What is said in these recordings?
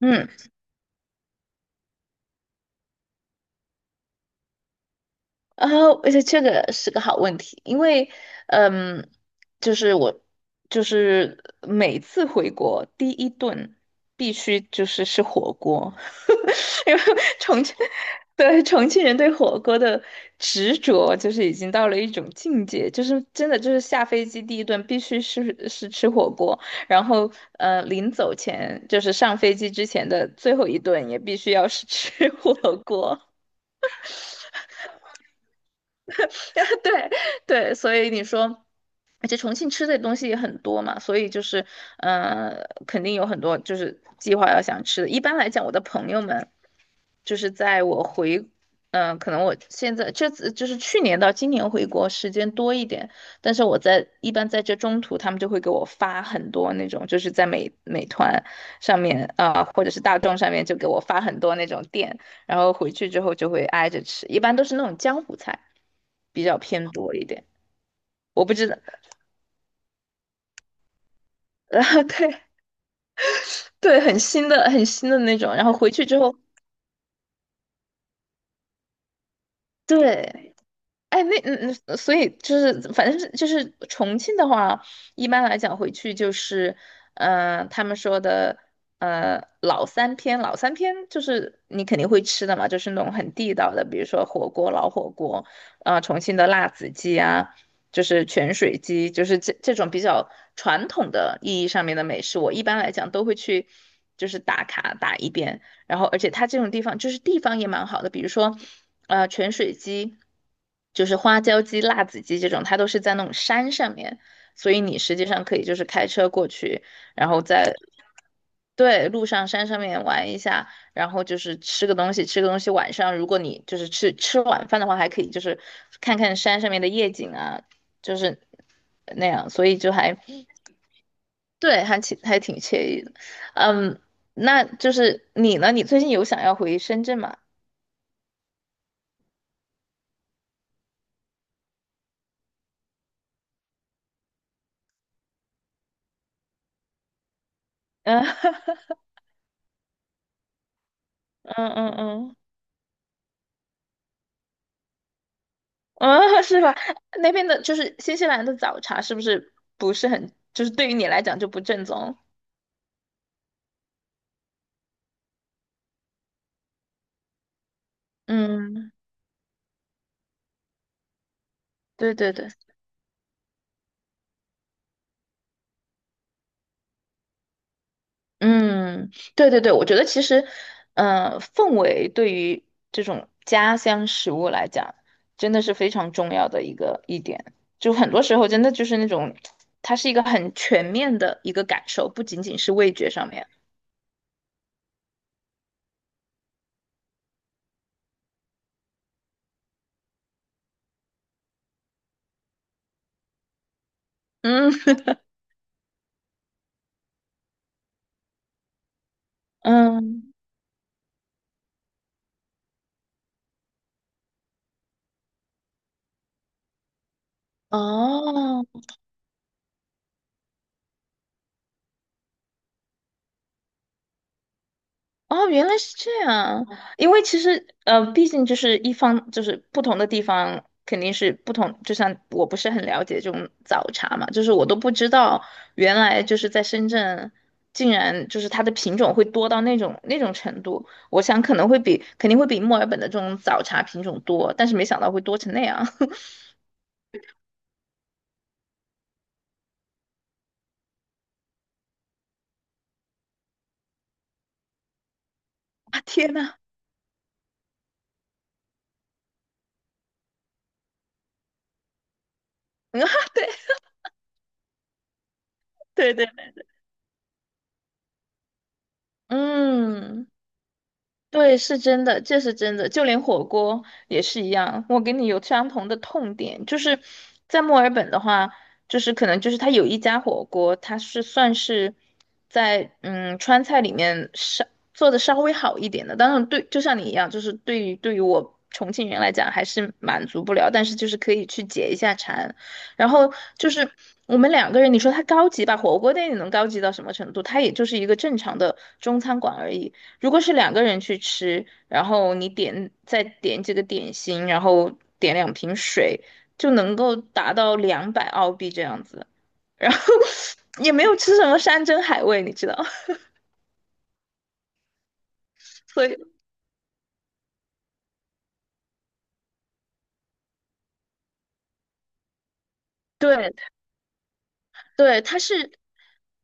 嗯，然后而且这个是个好问题，因为，嗯，就是我，就是每次回国第一顿必须就是吃火锅，因为重庆，对重庆人对火锅的执着就是已经到了一种境界，就是真的就是下飞机第一顿必须是吃火锅，然后临走前就是上飞机之前的最后一顿也必须要是吃 火锅。对对，所以你说，而且重庆吃的东西也很多嘛，所以就是，肯定有很多就是计划要想吃的。一般来讲，我的朋友们就是在我回，可能我现在这次就是去年到今年回国时间多一点，但是我在一般在这中途，他们就会给我发很多那种，就是在美团上面啊、或者是大众上面就给我发很多那种店。然后回去之后就会挨着吃，一般都是那种江湖菜，比较偏多一点。我不知道。然后对对，很新的很新的那种。然后回去之后，对，哎，那所以就是，反正就是重庆的话，一般来讲回去就是，他们说的，老三篇，老三篇就是你肯定会吃的嘛，就是那种很地道的，比如说火锅、老火锅，啊、重庆的辣子鸡啊，就是泉水鸡，就是这种比较传统的意义上面的美食，我一般来讲都会去，就是打卡打一遍。然后而且它这种地方就是地方也蛮好的，比如说泉水鸡，就是花椒鸡、辣子鸡这种，它都是在那种山上面，所以你实际上可以就是开车过去，然后在，对，路上山上面玩一下，然后就是吃个东西，吃个东西晚上如果你就是吃晚饭的话，还可以就是看看山上面的夜景啊，就是那样，所以就还，对，还挺惬意的。嗯。那就是你呢？你最近有想要回深圳吗？嗯。 嗯嗯嗯嗯。是吧？那边的就是新西兰的早茶，是不是不是很，就是对于你来讲就不正宗？嗯，对对对，嗯，对对对，我觉得其实，氛围对于这种家乡食物来讲，真的是非常重要的一个一点。就很多时候真的就是那种，它是一个很全面的一个感受，不仅仅是味觉上面。嗯。 嗯。哦。哦，原来是这样，因为其实，毕竟就是一方就是不同的地方肯定是不同，就像我不是很了解这种早茶嘛，就是我都不知道原来就是在深圳，竟然就是它的品种会多到那种程度，我想可能肯定会比墨尔本的这种早茶品种多，但是没想到会多成那样。啊，天呐。啊，对对对。嗯。对，是真的，这是真的，就连火锅也是一样。我跟你有相同的痛点，就是在墨尔本的话，就是可能就是它有一家火锅，它是算是在川菜里面做的稍微好一点的。当然对，就像你一样，就是对于我重庆人来讲还是满足不了，但是就是可以去解一下馋。然后就是我们两个人，你说它高级吧，火锅店你能高级到什么程度？它也就是一个正常的中餐馆而已。如果是两个人去吃，然后你再点几个点心，然后点两瓶水，就能够达到200澳币这样子。然后 也没有吃什么山珍海味，你知道，所以对，对，它是，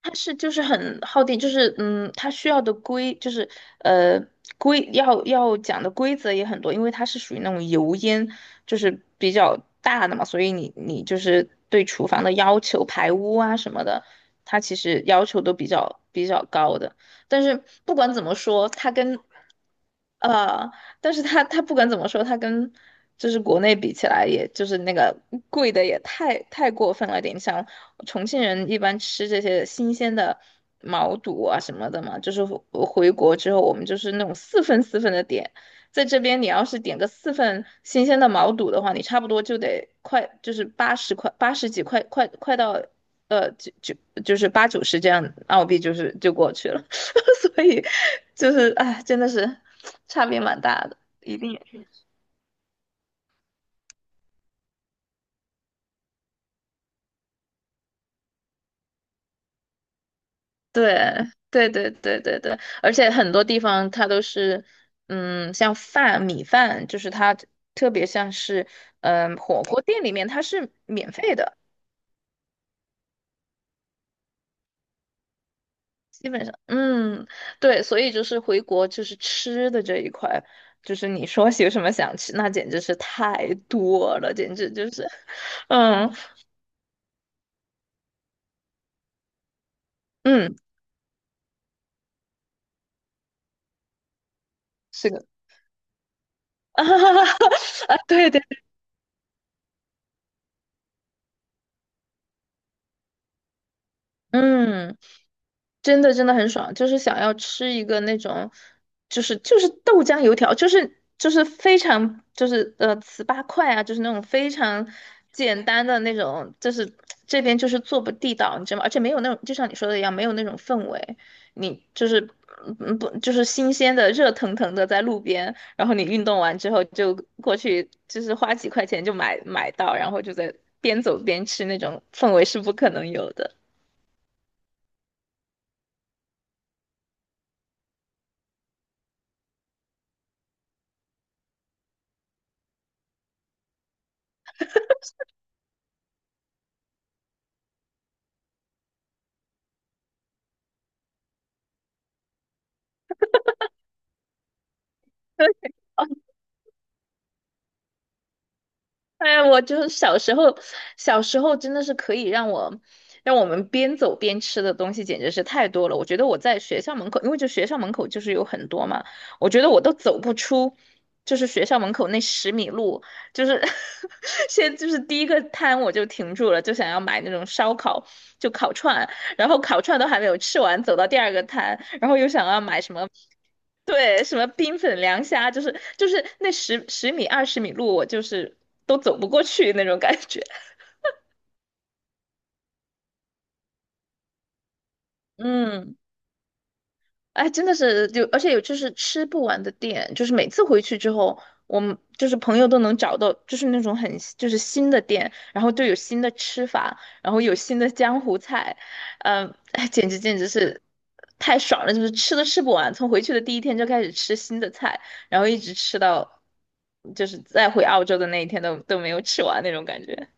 它是就是很耗电，就是它需要的规就是呃规要要讲的规则也很多，因为它是属于那种油烟就是比较大的嘛，所以你就是对厨房的要求、排污啊什么的，它其实要求都比较高的。但是不管怎么说，它跟呃，但是他不管怎么说，他跟就是国内比起来，也就是那个贵的也太过分了点。像重庆人一般吃这些新鲜的毛肚啊什么的嘛，就是回国之后，我们就是那种四份四份的点。在这边，你要是点个四份新鲜的毛肚的话，你差不多就得快，就是80块、80几块，快到呃，就就就是八九十这样澳币，就是就过去了。所以就是哎，真的是差别蛮大的，一定也是。对对对对对对，而且很多地方它都是，像米饭，就是它特别像是，火锅店里面它是免费的，基本上，嗯，对，所以就是回国就是吃的这一块，就是你说有什么想吃，那简直是太多了，简直就是。嗯。嗯。是个，啊，对对。嗯。真的真的很爽，就是想要吃一个那种，就是豆浆油条，就是非常就是糍粑块啊，就是那种非常简单的那种，就是这边就是做不地道，你知道吗？而且没有那种，就像你说的一样，没有那种氛围，你就是不就是新鲜的热腾腾的在路边，然后你运动完之后就过去，就是花几块钱就买到，然后就在边走边吃那种氛围是不可能有的。哎呀，我就是小时候真的是可以让我们边走边吃的东西简直是太多了。我觉得我在学校门口，因为就学校门口就是有很多嘛，我觉得我都走不出，就是学校门口那十米路，就是 先就是第一个摊我就停住了，就想要买那种烧烤，就烤串，然后烤串都还没有吃完，走到第二个摊，然后又想要买什么。对，什么冰粉凉虾，就是那十米20米路，我就是都走不过去那种感觉。嗯。哎，真的是就，而且有就是吃不完的店，就是每次回去之后，我们就是朋友都能找到，就是那种很就是新的店，然后就有新的吃法，然后有新的江湖菜，嗯，哎，简直简直是太爽了，就是吃都吃不完，从回去的第一天就开始吃新的菜，然后一直吃到就是再回澳洲的那一天都没有吃完那种感觉。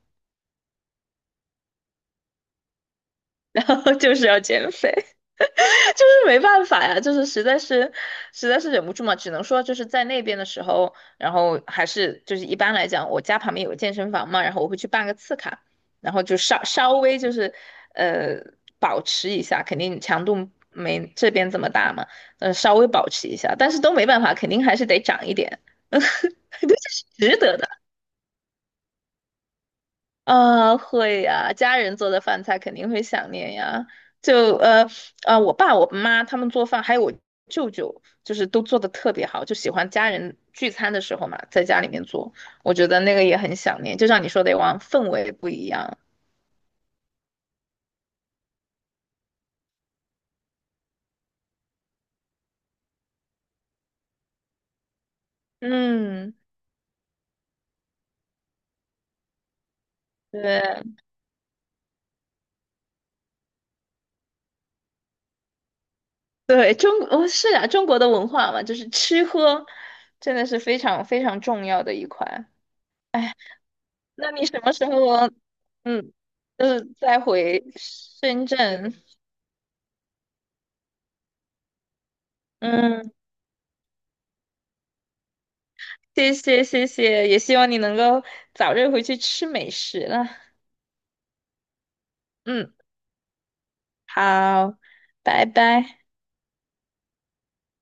然后就是要减肥。就是没办法呀，就是实在是忍不住嘛，只能说就是在那边的时候，然后还是就是一般来讲，我家旁边有个健身房嘛，然后我会去办个次卡，然后就稍微就是呃保持一下，肯定强度没这边这么大嘛，稍微保持一下，但是都没办法，肯定还是得长一点。对，这是值得的。啊，会呀，家人做的饭菜肯定会想念呀。就呃我爸、我妈他们做饭，还有我舅舅，就是都做的特别好，就喜欢家人聚餐的时候嘛，在家里面做，我觉得那个也很想念。就像你说的往氛围不一样。嗯，对对，哦是啊，中国的文化嘛，就是吃喝真的是非常非常重要的一块。哎，那你什么时候嗯，就是再回深圳？嗯。谢谢谢谢，也希望你能够早日回去吃美食了。嗯，好，拜拜。